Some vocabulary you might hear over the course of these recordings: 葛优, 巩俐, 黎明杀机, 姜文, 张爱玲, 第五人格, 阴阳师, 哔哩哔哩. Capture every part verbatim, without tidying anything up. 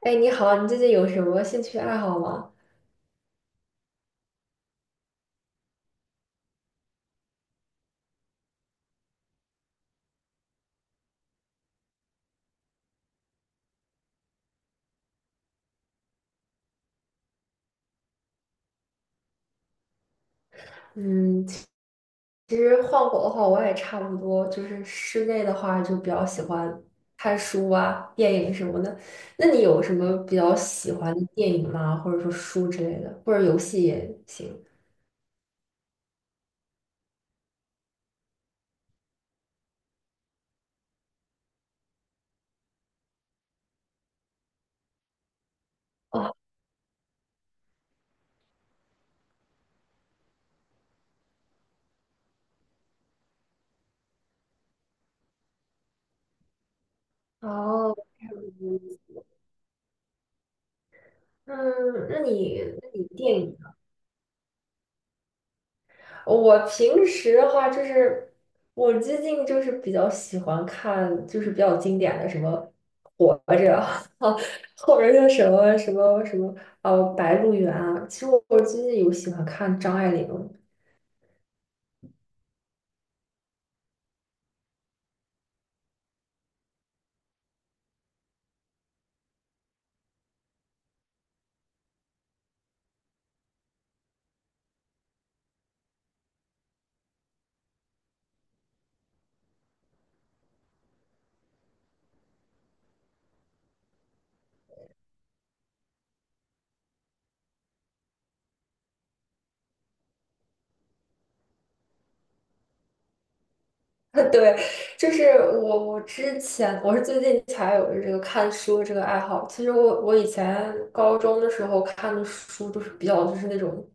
哎，你好，你最近有什么兴趣爱好吗？嗯。其实换我的话，我也差不多，就是室内的话就比较喜欢看书啊、电影什么的。那你有什么比较喜欢的电影吗？或者说书之类的，或者游戏也行。哦。哦。嗯。嗯那你那你电影我平时的话，就是我最近就是比较喜欢看，就是比较经典的什么《活着》啊，或者是什么什么什么呃《白鹿原》啊。其实我我最近有喜欢看张爱玲。对，就是我，我之前我是最近才有这个看书的这个爱好。其实我我以前高中的时候看的书都是比较就是那种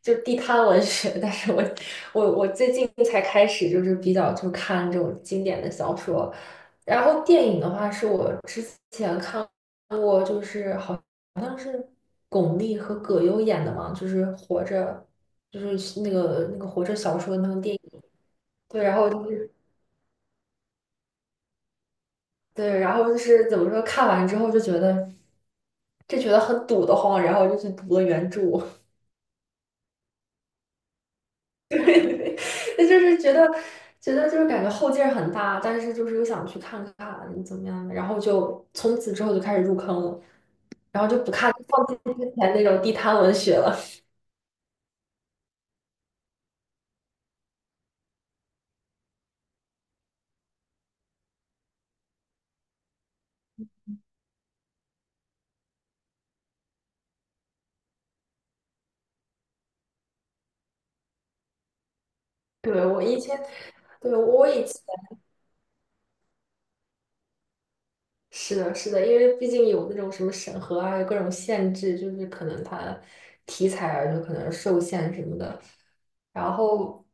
就地摊文学，但是我我我最近才开始就是比较就看这种经典的小说。然后电影的话，是我之前看过，就是好像是巩俐和葛优演的嘛，就是《活着》，就是那个那个《活着》小说那个电影。对，然后就是对，然后就是怎么说，看完之后就觉得就觉得很堵得慌，然后就去读了原著。对，那就是觉得觉得就是感觉后劲儿很大，但是就是又想去看看怎么样的，然后就从此之后就开始入坑了，然后就不看，放弃之前那种地摊文学了。对，我以前，对，我以前是的，是的，因为毕竟有那种什么审核啊，有各种限制，就是可能它题材啊，就可能受限什么的。然后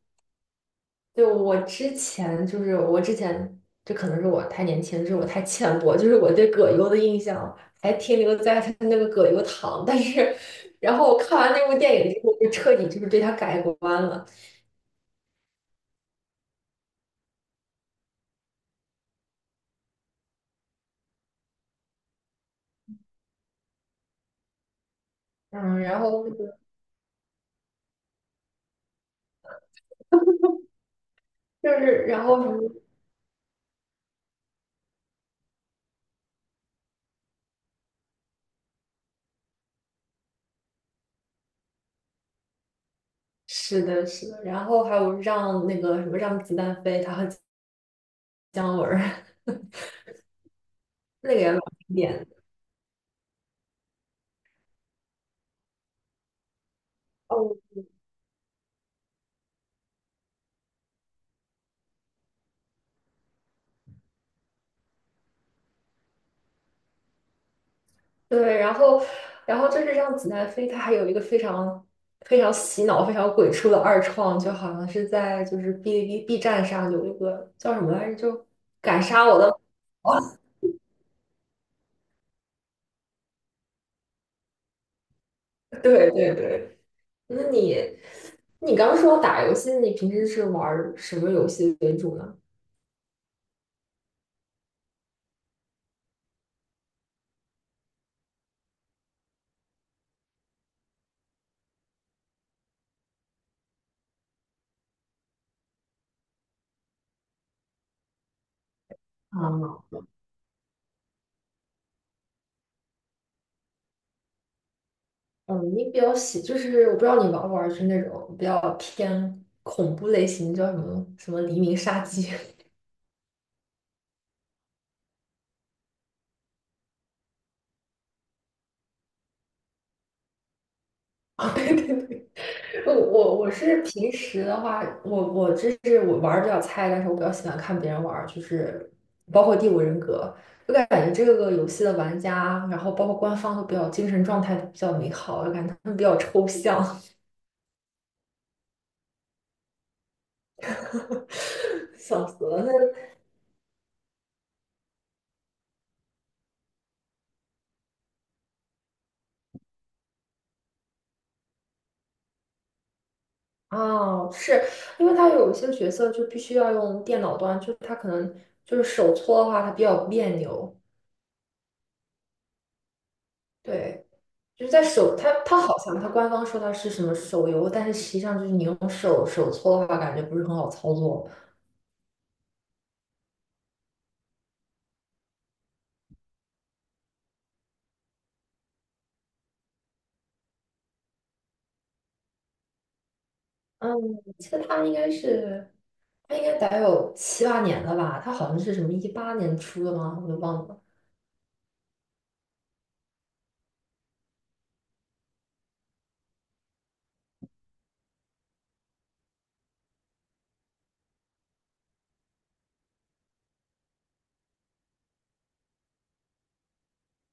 对，我之前就是我之前，这可能是我太年轻，是我太浅薄，就是我对葛优的印象还停留在他那个葛优躺，但是，然后我看完那部电影之后，就彻底就是对他改观了。嗯，然后那个就是然后什么，是的，是的，然后还有让那个什么让子弹飞，他和姜文儿 那个也老经典哦。对，然后，然后就是让子弹飞，它还有一个非常非常洗脑、非常鬼畜的二创，就好像是在就是哔哩哔哩 B 站上有一个叫什么来着，就敢杀我的。对对对。那你，你刚说打游戏，你平时是玩儿什么游戏为主呢？啊。嗯，你比较喜，就是我不知道你玩不玩，就是那种比较偏恐怖类型，叫什么什么《黎明杀机》啊？对对对。我我我是平时的话，我我这是我玩儿比较菜，但是我比较喜欢看别人玩儿，就是包括《第五人格》，就感觉这个游戏的玩家，然后包括官方都比较精神状态都比较美好，我感觉他们比较抽象。笑死了。那哦，是因为他有一些角色就必须要用电脑端，就是他可能就是手搓的话，他比较别扭。对。就是在手，它它好像它官方说它是什么手游，但是实际上就是你用手手搓的话，感觉不是很好操作。嗯，我记得它应该是它应该得有七八年了吧？它好像是什么一八年出的吗？我都忘了。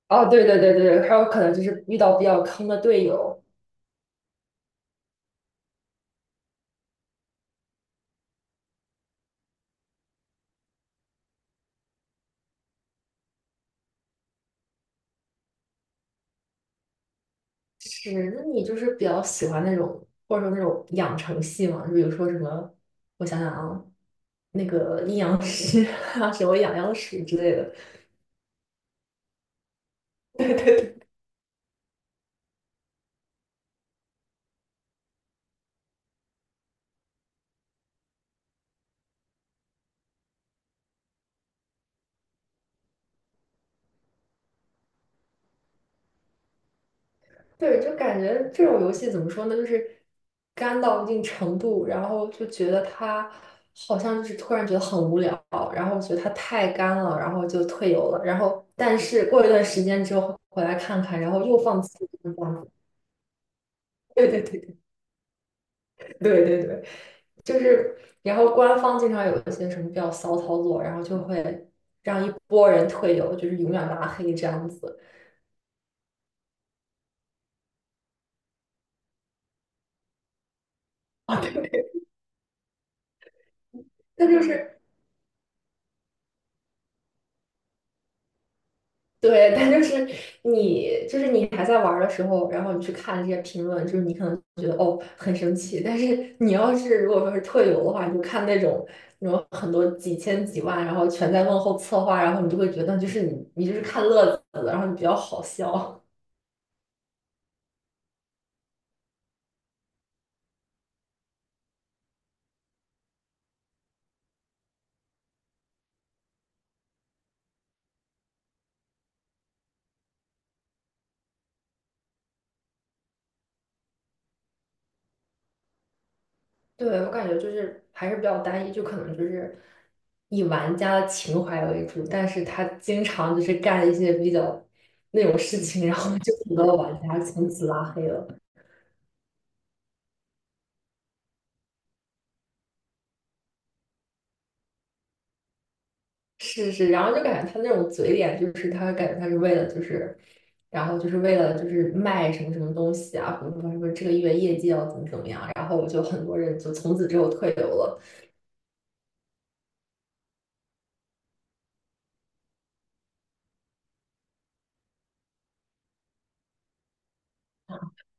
哦，对对对对还有可能就是遇到比较坑的队友。是，那你就是比较喜欢那种或者说那种养成系嘛？就比如说什么，我想想啊，那个阴阳师啊，什么养阳师之类的。对对。对，就感觉这种游戏怎么说呢，就是干到一定程度，然后就觉得它好像就是突然觉得很无聊，然后觉得它太干了，然后就退游了。然后，但是过一段时间之后回来看看，然后又放弃这样子对对对对对对对，就是，然后官方经常有一些什么比较骚操作，然后就会让一波人退游，就是永远拉黑这样子。啊，对，那就是。对，但就是你，就是你还在玩儿的时候，然后你去看这些评论，就是你可能觉得哦很生气，但是你要是如果说是特有的话，你就看那种那种很多几千几万，然后全在问候策划，然后你就会觉得就是你你就是看乐子的，然后你比较好笑。对，我感觉就是还是比较单一，就可能就是以玩家的情怀为主，但是他经常就是干一些比较那种事情，然后就很多玩家从此拉黑了。是是，然后就感觉他那种嘴脸，就是他感觉他是为了就是，然后就是为了就是卖什么什么东西啊，或者说什么这个月业绩要怎么怎么样，然后我就很多人就从此之后退游了。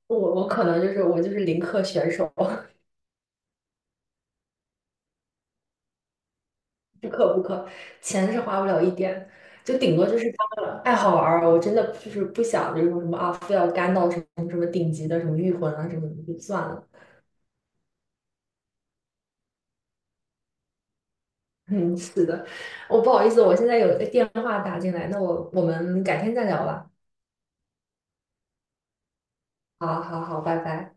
我我可能就是我就是零氪选手，不氪不氪，钱是花不了一点，就顶多就是当个爱好玩儿啊。我真的就是不想就是说什么啊，非要干到什么什么顶级的什么御魂啊什么的就算了。嗯，是的，我不好意思，我现在有一个电话打进来，那我我们改天再聊吧。好好好，拜拜。